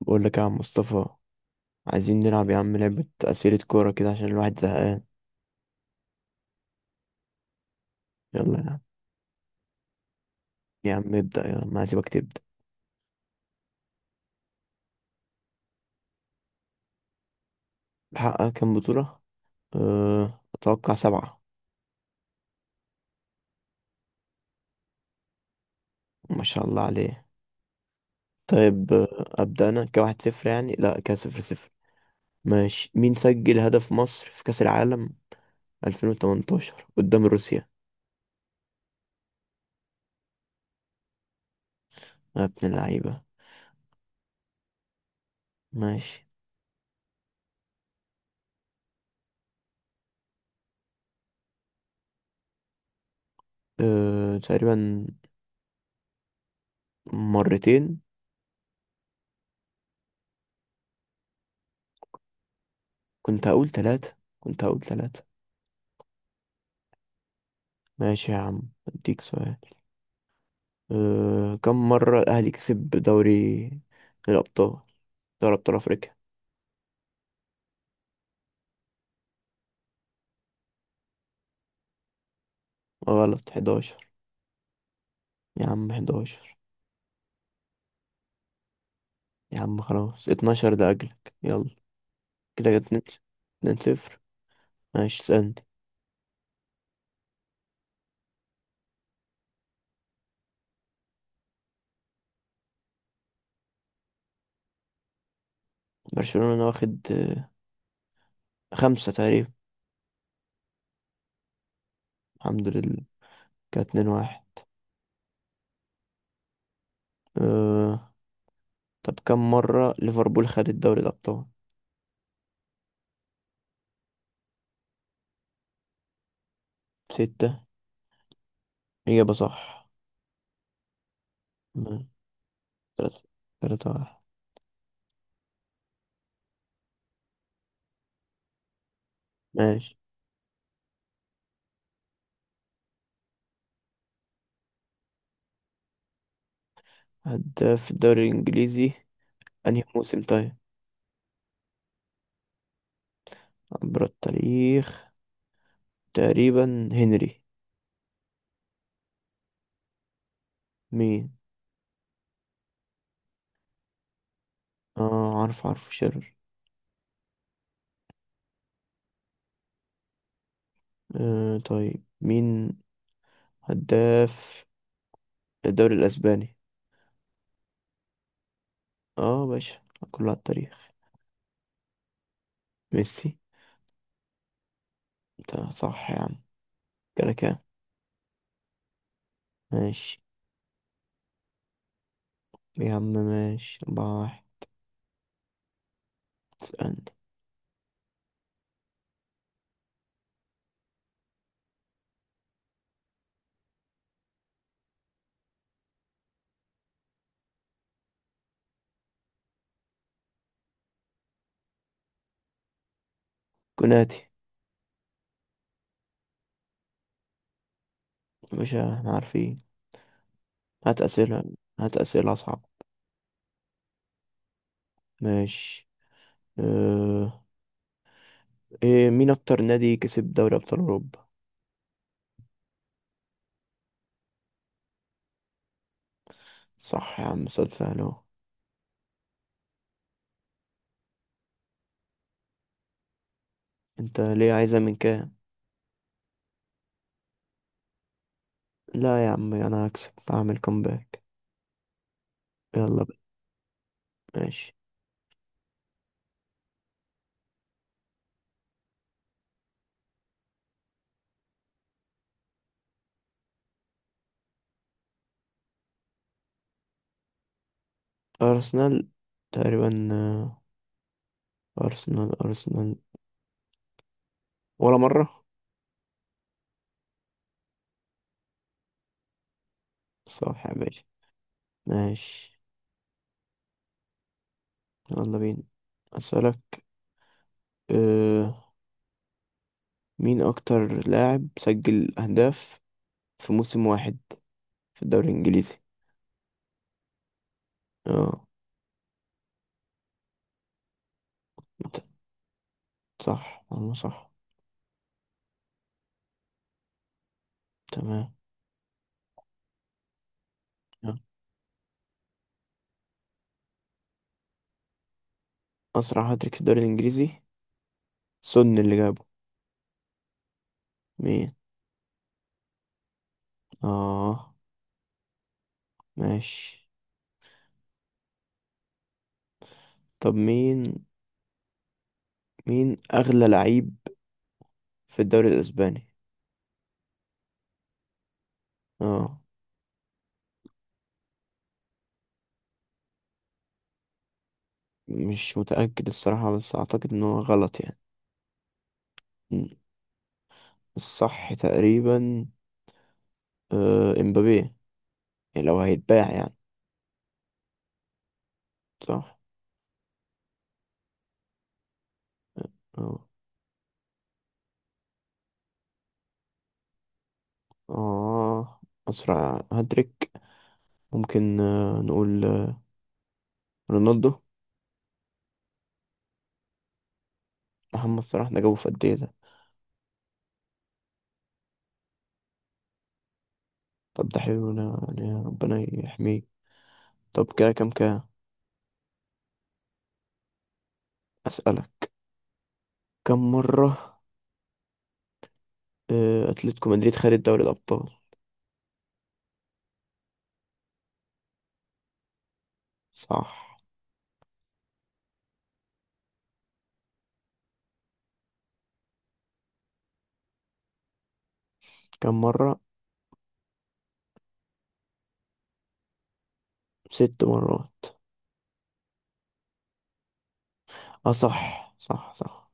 بقول لك يا عم مصطفى. عايزين نلعب يا عم لعبة أسئلة كورة كده عشان الواحد زهقان. يلا يا عم. يا عم ابدأ يلا، ما هسيبك تبدأ. محقق كام بطولة؟ أتوقع سبعة. ما شاء الله عليه. طيب، أبدأ أنا كواحد صفر، يعني لا كصفر صفر. ماشي، مين سجل هدف مصر في كأس العالم 2018 قدام روسيا؟ يا ابن اللعيبة. ماشي. تقريبا مرتين. كنت هقول ثلاثة، كنت هقول ثلاثة. ماشي يا عم، اديك سؤال. كم مرة الأهلي كسب دوري الأبطال، دوري أبطال أفريقيا؟ غلط، 11. يا عم، 11. يا عم خلاص، 12 ده أجلك، يلا. كده جت نت. 2-0. ماشي، اسألني. برشلونة واخد خمسة تقريبا. الحمد لله. كده 2 واحد. أه... طب كم مرة ليفربول خدت دوري الأبطال؟ ستة. إجابة صح. م- تلاتة. 3-1. ماشي. هداف الدوري الإنجليزي؟ أنهي موسم طيب؟ عبر التاريخ؟ تقريبا هنري. مين؟ اه، عارف عارف شرر. طيب، مين هداف الدوري الاسباني؟ اه باشا، كله على التاريخ. ميسي. انت صح يا عم، كده كام؟ ماشي يا عم. ماشي 4-1. تسألني؟ كوناتي. يا باشا، احنا عارفين. هات أسئلة. هات أسئلة أصعب. ماشي. اه إيه، مين أكتر نادي كسب دوري أبطال أوروبا؟ صح يا عم، سؤال سهل أهو. أنت ليه عايزها من كام؟ لا يا عم، انا هكسب اعمل كومباك. يلا بقى. ماشي. ارسنال تقريبا، ارسنال ارسنال، ولا مرة. صح يا باشا. ماشي، يلا بينا. اسألك. أه مين اكتر لاعب سجل اهداف في موسم واحد في الدوري الانجليزي؟ اه. ت- صح والله صح. تمام. يلا. اسرع هاتريك في الدوري الانجليزي؟ سون اللي جابه. مين؟ اه. ماشي. طب مين اغلى لعيب في الدوري الاسباني؟ اه، مش متأكد الصراحة، بس اعتقد ان هو غلط يعني. م. الصح تقريبا، امبابي يعني، لو هيتباع يعني. صح. اه اه اسرع هاتريك، ممكن نقول رونالدو. محمد صلاح، ده جابه في قد ايه ده؟ طب ده حلو ده، يعني ربنا يحميه. طب كده كام؟ اسألك. كم مرة اتلتيكو مدريد خد دوري الابطال؟ صح. كم مرة؟ 6 مرات. اه صح صح صح.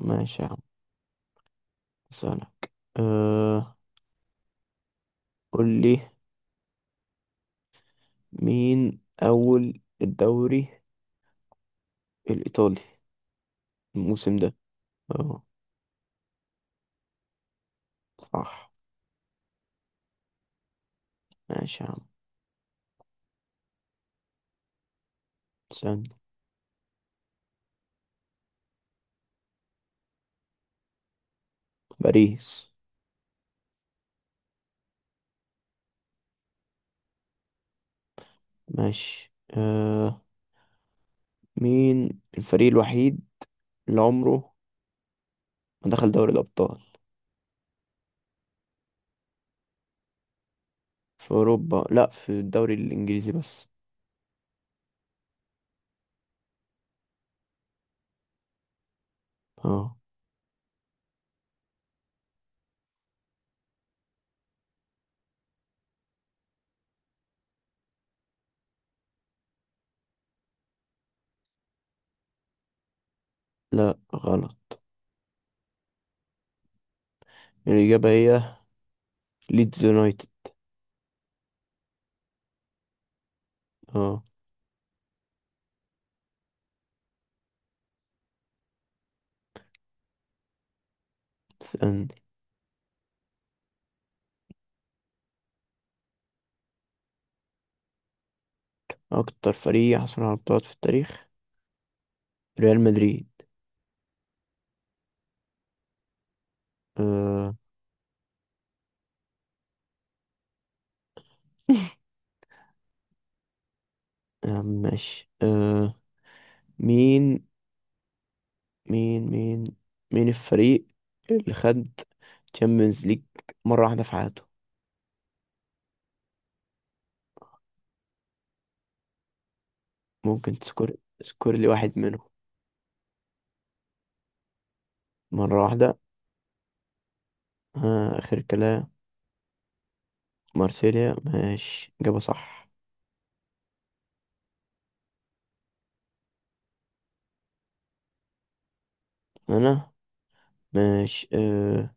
ماشي يا عم. اسألك. أه قول لي مين أول الدوري الإيطالي الموسم ده؟ اه. صح. ماشي يا عم. استنى. باريس. ماشي، مين الفريق الوحيد اللي عمره ما دخل دوري الأبطال؟ في أوروبا؟ لا، في الدوري الإنجليزي بس. اه. لا غلط. الإجابة هي ليدز يونايتد. اه. استنى، أكتر فريق حصل على بطولات في التاريخ؟ ريال مدريد. آه. يا عم ماشي، مين مين مين مين الفريق اللي خد تشامبيونز ليج مرة واحدة في حياته؟ ممكن تذكر تذكر لي واحد منهم. مرة واحدة؟ آخر كلام. مارسيليا. ماشي، إجابة صح. أنا. ماشي،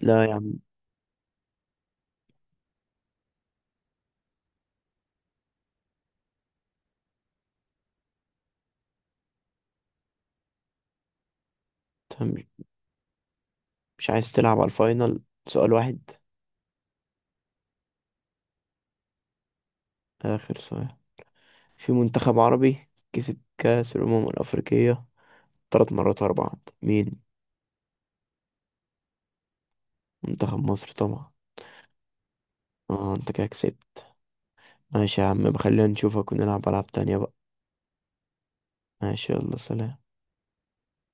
لا يا عم. أنت مش عايز تلعب على الفاينل؟ سؤال واحد. آخر سؤال. في منتخب عربي كسب كأس الأمم الأفريقية 3 مرات ورا بعض، مين؟ منتخب مصر طبعا. اه، انت كده كسبت. ماشي يا عم، بخلينا نشوفك ونلعب ألعاب تانية بقى. ماشي، يلا سلام.